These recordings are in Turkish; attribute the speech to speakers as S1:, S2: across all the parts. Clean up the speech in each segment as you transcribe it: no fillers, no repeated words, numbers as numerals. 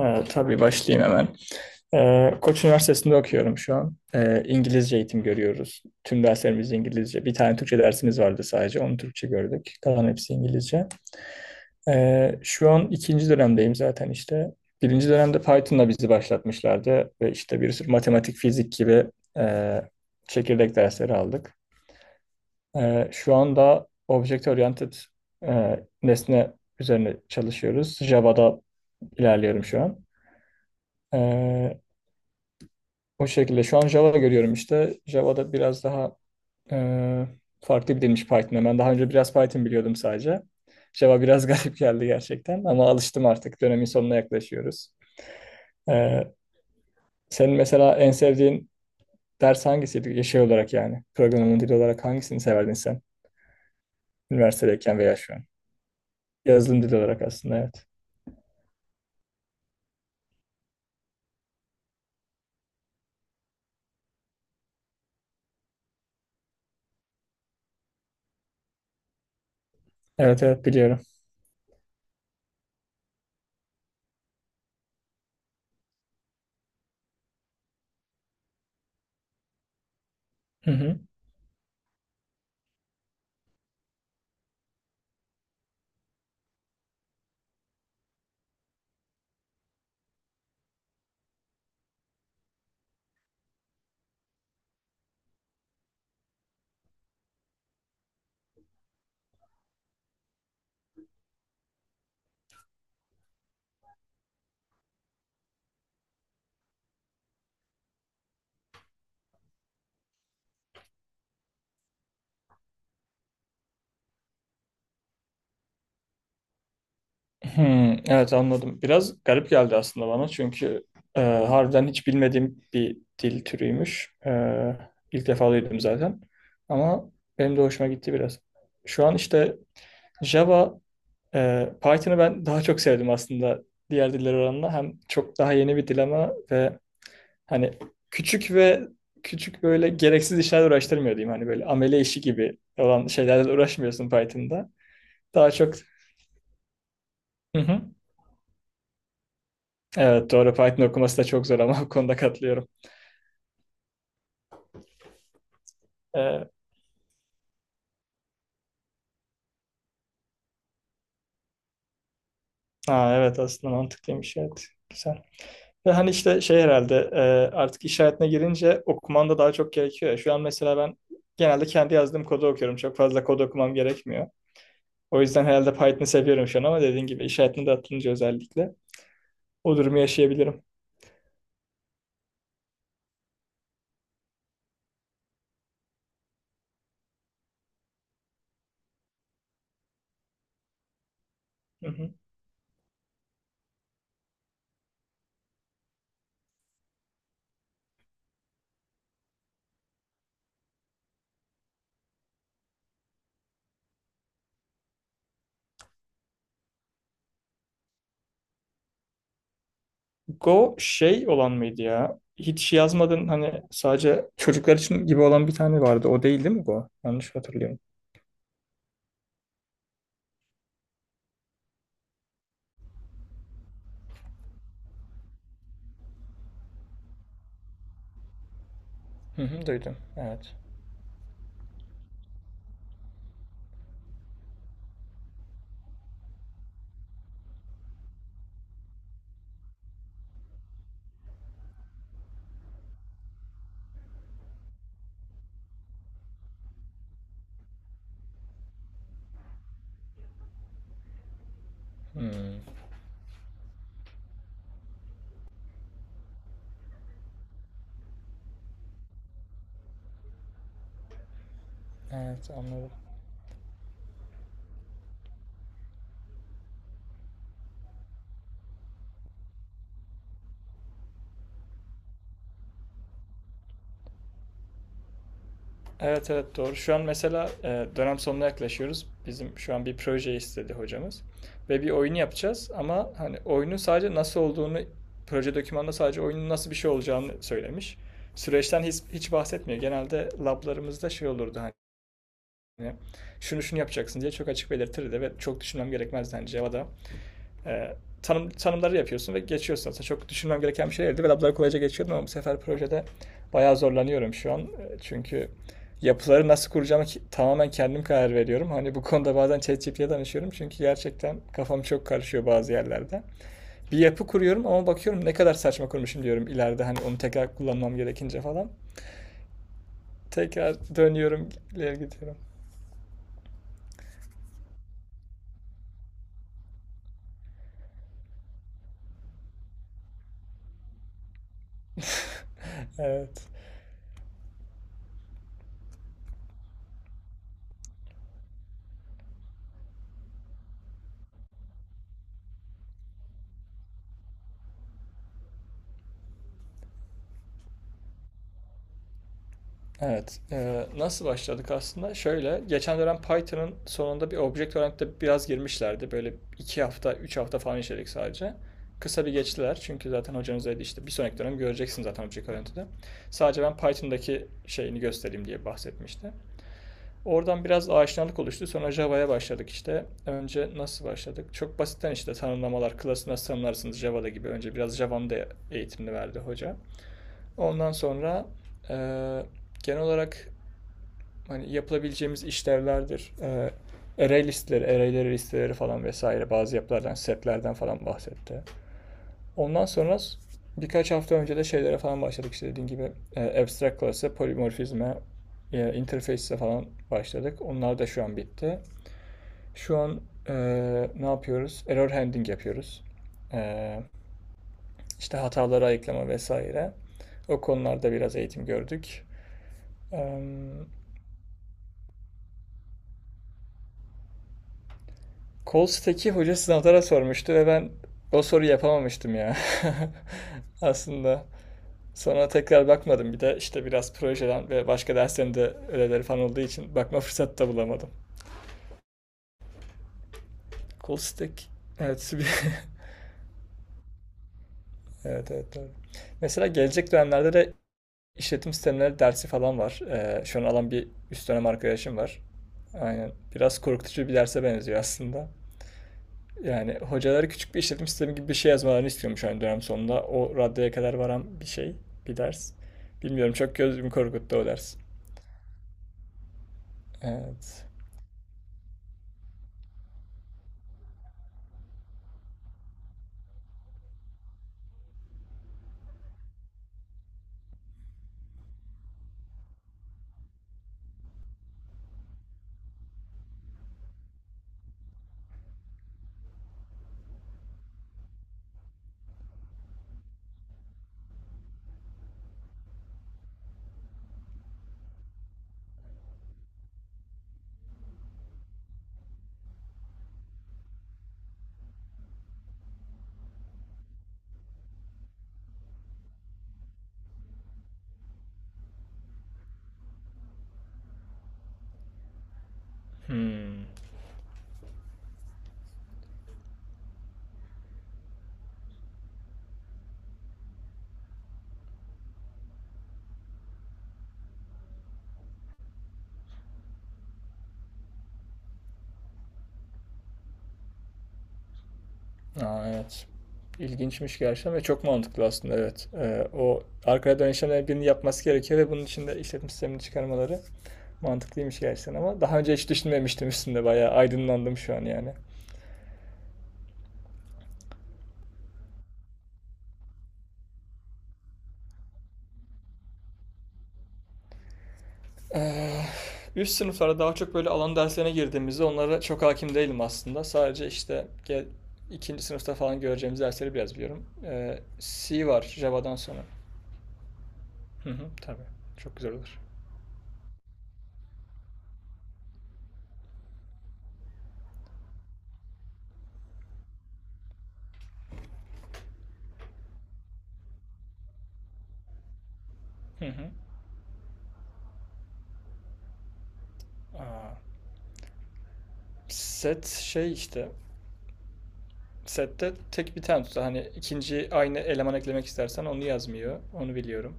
S1: Tabii başlayayım hemen. Koç Üniversitesi'nde okuyorum şu an. İngilizce eğitim görüyoruz. Tüm derslerimiz İngilizce. Bir tane Türkçe dersimiz vardı sadece. Onu Türkçe gördük. Kalan hepsi İngilizce. Şu an ikinci dönemdeyim zaten işte. Birinci dönemde Python'la bizi başlatmışlardı. Ve işte bir sürü matematik, fizik gibi e, çekirdek dersleri aldık. Şu anda Object Oriented nesne üzerine çalışıyoruz. Java'da ilerliyorum şu an. Ee, O şekilde. Şu an Java görüyorum işte. Java'da biraz daha e, farklı bir dilmiş Python'a. Ben daha önce biraz Python biliyordum sadece. Java biraz garip geldi gerçekten ama alıştım artık. Dönemin sonuna yaklaşıyoruz. E, Senin mesela en sevdiğin ders hangisiydi? Şey olarak yani. Programın dili olarak hangisini severdin sen? Üniversitedeyken veya şu an. Yazılım dili olarak aslında evet. Evet, evet, biliyorum. Hı hı. Hmm, evet anladım. Biraz garip geldi aslında bana çünkü harbiden hiç bilmediğim bir dil türüymüş. İlk defa duydum zaten. Ama benim de hoşuma gitti biraz. Şu an işte Java, Python'ı ben daha çok sevdim aslında diğer diller oranla. Hem çok daha yeni bir dil ama ve hani küçük ve küçük böyle gereksiz işlerle uğraştırmıyor diyeyim. Hani böyle amele işi gibi olan şeylerle uğraşmıyorsun Python'da. Daha çok... Hı hı. Evet doğru Python okuması da çok zor ama bu konuda katılıyorum. Ee, ha, evet aslında mantıklıymış evet. Güzel. Ve hani işte şey herhalde artık iş hayatına girince okuman da daha çok gerekiyor ya. Şu an mesela ben genelde kendi yazdığım kodu okuyorum. Çok fazla kod okumam gerekmiyor. O yüzden herhalde Python'ı seviyorum şu an ama dediğin gibi iş hayatına da atılınca özellikle o durumu yaşayabilirim. Hı hı. Go şey olan mıydı ya? Hiç şey yazmadın hani sadece çocuklar için gibi olan bir tane vardı. O değil değil mi Go? Yanlış hatırlıyorum. Hı hı, duydum. Evet. Hmm. Evet anladım. Evet, evet, doğru. Şu an mesela dönem sonuna yaklaşıyoruz. Bizim şu an bir proje istedi hocamız. Ve bir oyunu yapacağız ama hani oyunu sadece nasıl olduğunu proje dokümanında sadece oyunun nasıl bir şey olacağını söylemiş. Süreçten hiç bahsetmiyor. Genelde lablarımızda şey olurdu hani şunu şunu yapacaksın diye çok açık belirtirdi ve çok düşünmem gerekmezdi hani Java'da e, tanımları yapıyorsun ve geçiyorsun. Aslında çok düşünmem gereken bir şey değildi. Ve labları kolayca geçiyordum ama bu sefer projede bayağı zorlanıyorum şu an. Çünkü yapıları nasıl kuracağımı tamamen kendim karar veriyorum. Hani bu konuda bazen ChatGPT'ye danışıyorum çünkü gerçekten kafam çok karışıyor bazı yerlerde. Bir yapı kuruyorum ama bakıyorum ne kadar saçma kurmuşum diyorum ileride hani onu tekrar kullanmam gerekince falan. Tekrar dönüyorum, ileri gidiyorum. Evet. Evet. Nasıl başladık aslında? Şöyle, geçen dönem Python'ın sonunda bir Object-Oriented'e biraz girmişlerdi. Böyle iki hafta, üç hafta falan işledik sadece. Kısa bir geçtiler. Çünkü zaten hocanız dedi işte bir sonraki dönem göreceksin zaten Object-Oriented'ı. Sadece ben Python'daki şeyini göstereyim diye bahsetmişti. Oradan biraz aşinalık oluştu. Sonra Java'ya başladık işte. Önce nasıl başladık? Çok basitten işte tanımlamalar, klası nasıl tanımlarsınız Java'da gibi. Önce biraz Java'nın da eğitimini verdi hoca. Ondan sonra eee, genel olarak hani yapılabileceğimiz işlevlerdir. Array listeleri, arrayleri listeleri falan vesaire bazı yapılardan, setlerden falan bahsetti. Ondan sonra birkaç hafta önce de şeylere falan başladık. İşte dediğim gibi abstract class'a, polimorfizme, interface'e falan başladık. Onlar da şu an bitti. Şu an e, ne yapıyoruz? Error handling yapıyoruz. E, işte hataları ayıklama vesaire. O konularda biraz eğitim gördük. Em, Kol stack'i hoca sınavlara sormuştu ve ben o soruyu yapamamıştım ya. Aslında. Sonra tekrar bakmadım. Bir de işte biraz projeden ve başka derslerin de ödevleri falan olduğu için bakma fırsatı da bulamadım. Kol stack. Evet. Evet, evet, doğru. Mesela gelecek dönemlerde de işletim sistemleri dersi falan var. Şu an alan bir üst dönem arkadaşım var. Aynen. Biraz korkutucu bir derse benziyor aslında. Yani hocaları küçük bir işletim sistemi gibi bir şey yazmalarını istiyormuş hani dönem sonunda. O raddeye kadar varan bir şey, bir ders. Bilmiyorum çok gözümü korkuttu o ders. Evet. Hmm. Aa, evet. İlginçmiş gerçekten ve çok mantıklı aslında evet. O arkaya dön işlemlerinin birini yapması gerekiyor ve bunun için de işletim sistemini çıkarmaları mantıklıymış gerçekten ama daha önce hiç düşünmemiştim üstünde bayağı aydınlandım şu an yani. Eee, üst sınıflara daha çok böyle alan derslerine girdiğimizde onlara çok hakim değilim aslında. Sadece işte gel, ikinci sınıfta falan göreceğimiz dersleri biraz biliyorum. C var Java'dan sonra. Hı hı, tabii. Çok güzel olur. Hı hı. Aa, set şey işte. Sette tek bir tane tutar. Hani ikinci aynı eleman eklemek istersen onu yazmıyor. Onu biliyorum.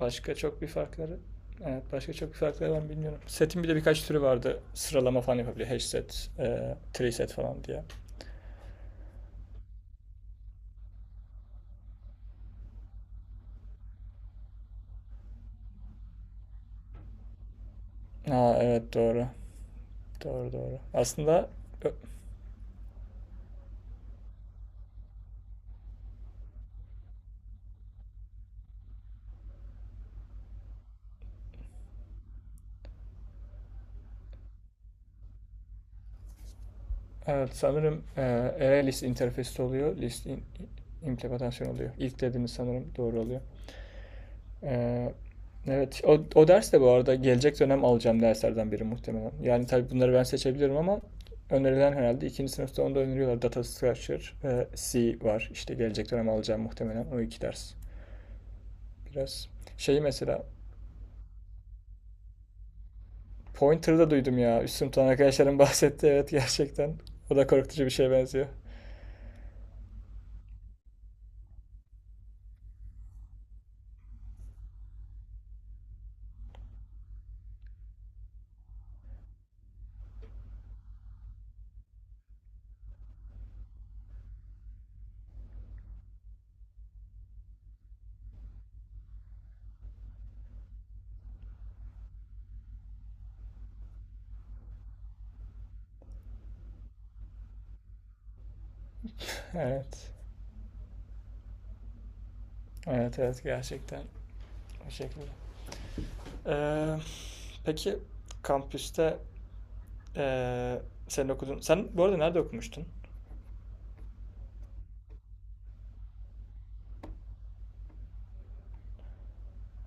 S1: Başka çok bir farkları Evet, başka çok bir farkları ben bilmiyorum. Setin bir de birkaç türü vardı. Sıralama falan yapabiliyor. Hash set, tree set falan diye. Aa, evet doğru. Doğru, doğru. Aslında ö- evet sanırım array list interfez'te oluyor. İmplementasyon oluyor. İlk dediğiniz sanırım doğru oluyor. E, evet o ders de bu arada gelecek dönem alacağım derslerden biri muhtemelen. Yani tabii bunları ben seçebilirim ama önerilen herhalde ikinci sınıfta onu da öneriyorlar. Data Structure ve C var. İşte gelecek dönem alacağım muhtemelen o iki ders. Biraz şeyi mesela Pointer'ı da duydum ya. Üst sınıftan arkadaşlarım bahsetti. Evet gerçekten. O da korkutucu bir şeye benziyor. Evet. Evet evet gerçekten o şekilde. Ee, peki kampüste ee, senin okudun. Sen bu arada nerede okumuştun?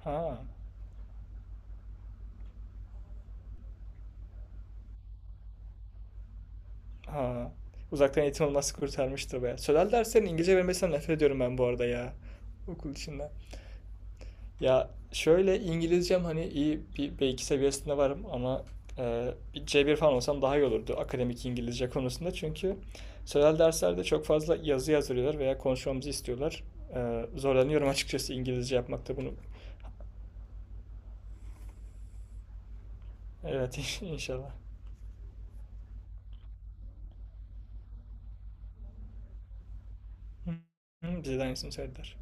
S1: Ha. Ha. Uzaktan eğitim olması kurtarmıştı be. Sözel derslerin İngilizce vermesinden nefret ediyorum ben bu arada ya. Okul içinde. Ya şöyle İngilizcem hani iyi bir B2 seviyesinde varım ama bir C1 falan olsam daha iyi olurdu akademik İngilizce konusunda. Çünkü sözel derslerde çok fazla yazı yazdırıyorlar veya konuşmamızı istiyorlar. Zorlanıyorum açıkçası İngilizce yapmakta bunu. Evet inşallah. Hı, hı, Bize de aynısını söylediler.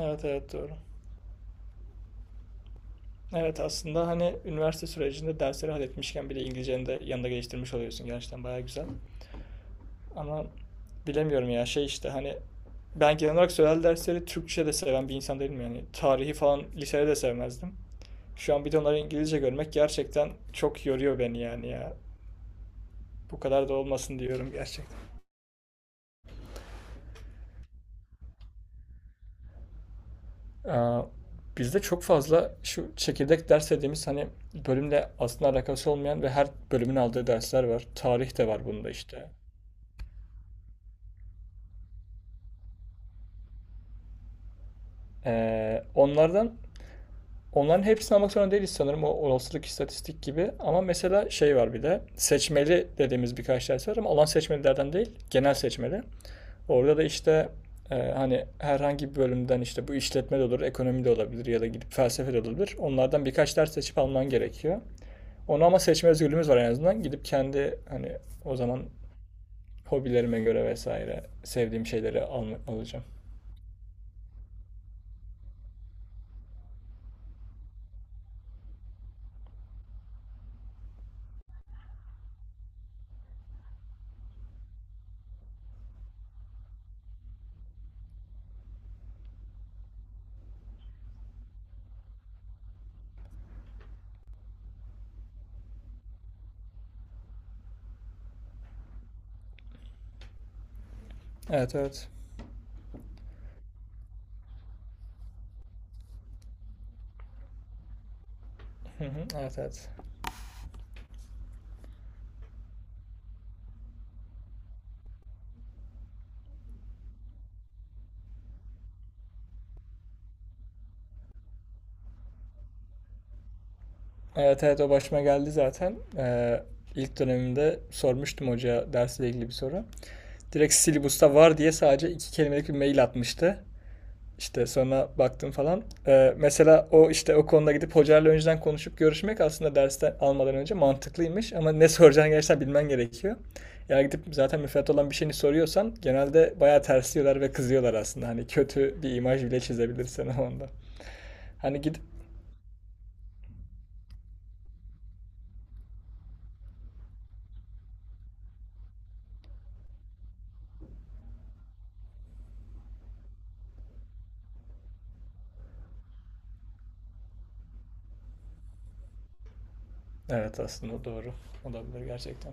S1: Evet, evet, doğru. Evet aslında hani üniversite sürecinde dersleri halletmişken bile İngilizceni de yanında geliştirmiş oluyorsun. Gerçekten baya güzel. Ama bilemiyorum ya şey işte hani ben genel olarak sözel dersleri Türkçe de seven bir insan değilim yani. Tarihi falan lisede de sevmezdim. Şu an bir de onları İngilizce görmek gerçekten çok yoruyor beni yani ya. Bu kadar da olmasın diyorum gerçekten. Aa, bizde çok fazla şu çekirdek ders dediğimiz hani bölümle aslında alakası olmayan ve her bölümün aldığı dersler var. Tarih de var bunda işte. Onlardan Onların hepsini almak zorunda değiliz sanırım o olasılık istatistik gibi. Ama mesela şey var bir de seçmeli dediğimiz birkaç ders var ama alan seçmelilerden değil genel seçmeli. Orada da işte hani herhangi bir bölümden işte bu işletme de olur, ekonomi de olabilir ya da gidip felsefe de olabilir. Onlardan birkaç ders seçip alman gerekiyor. Onu ama seçme özgürlüğümüz var en azından. Gidip kendi hani o zaman hobilerime göre vesaire sevdiğim şeyleri alacağım. Evet evet. Hı hı, evet, evet. Evet, evet, o başıma geldi zaten. İlk dönemimde sormuştum hocaya dersle ilgili bir soru. Direkt Silibus'ta var diye sadece iki kelimelik bir mail atmıştı. İşte sonra baktım falan. Mesela o işte o konuda gidip hocayla önceden konuşup görüşmek aslında dersten almadan önce mantıklıymış. Ama ne soracağını gerçekten bilmen gerekiyor. Yani gidip zaten müfredat olan bir şeyini soruyorsan genelde bayağı tersliyorlar ve kızıyorlar aslında. Hani kötü bir imaj bile çizebilirsin o anda. Hani gidip evet aslında doğru olabilir gerçekten.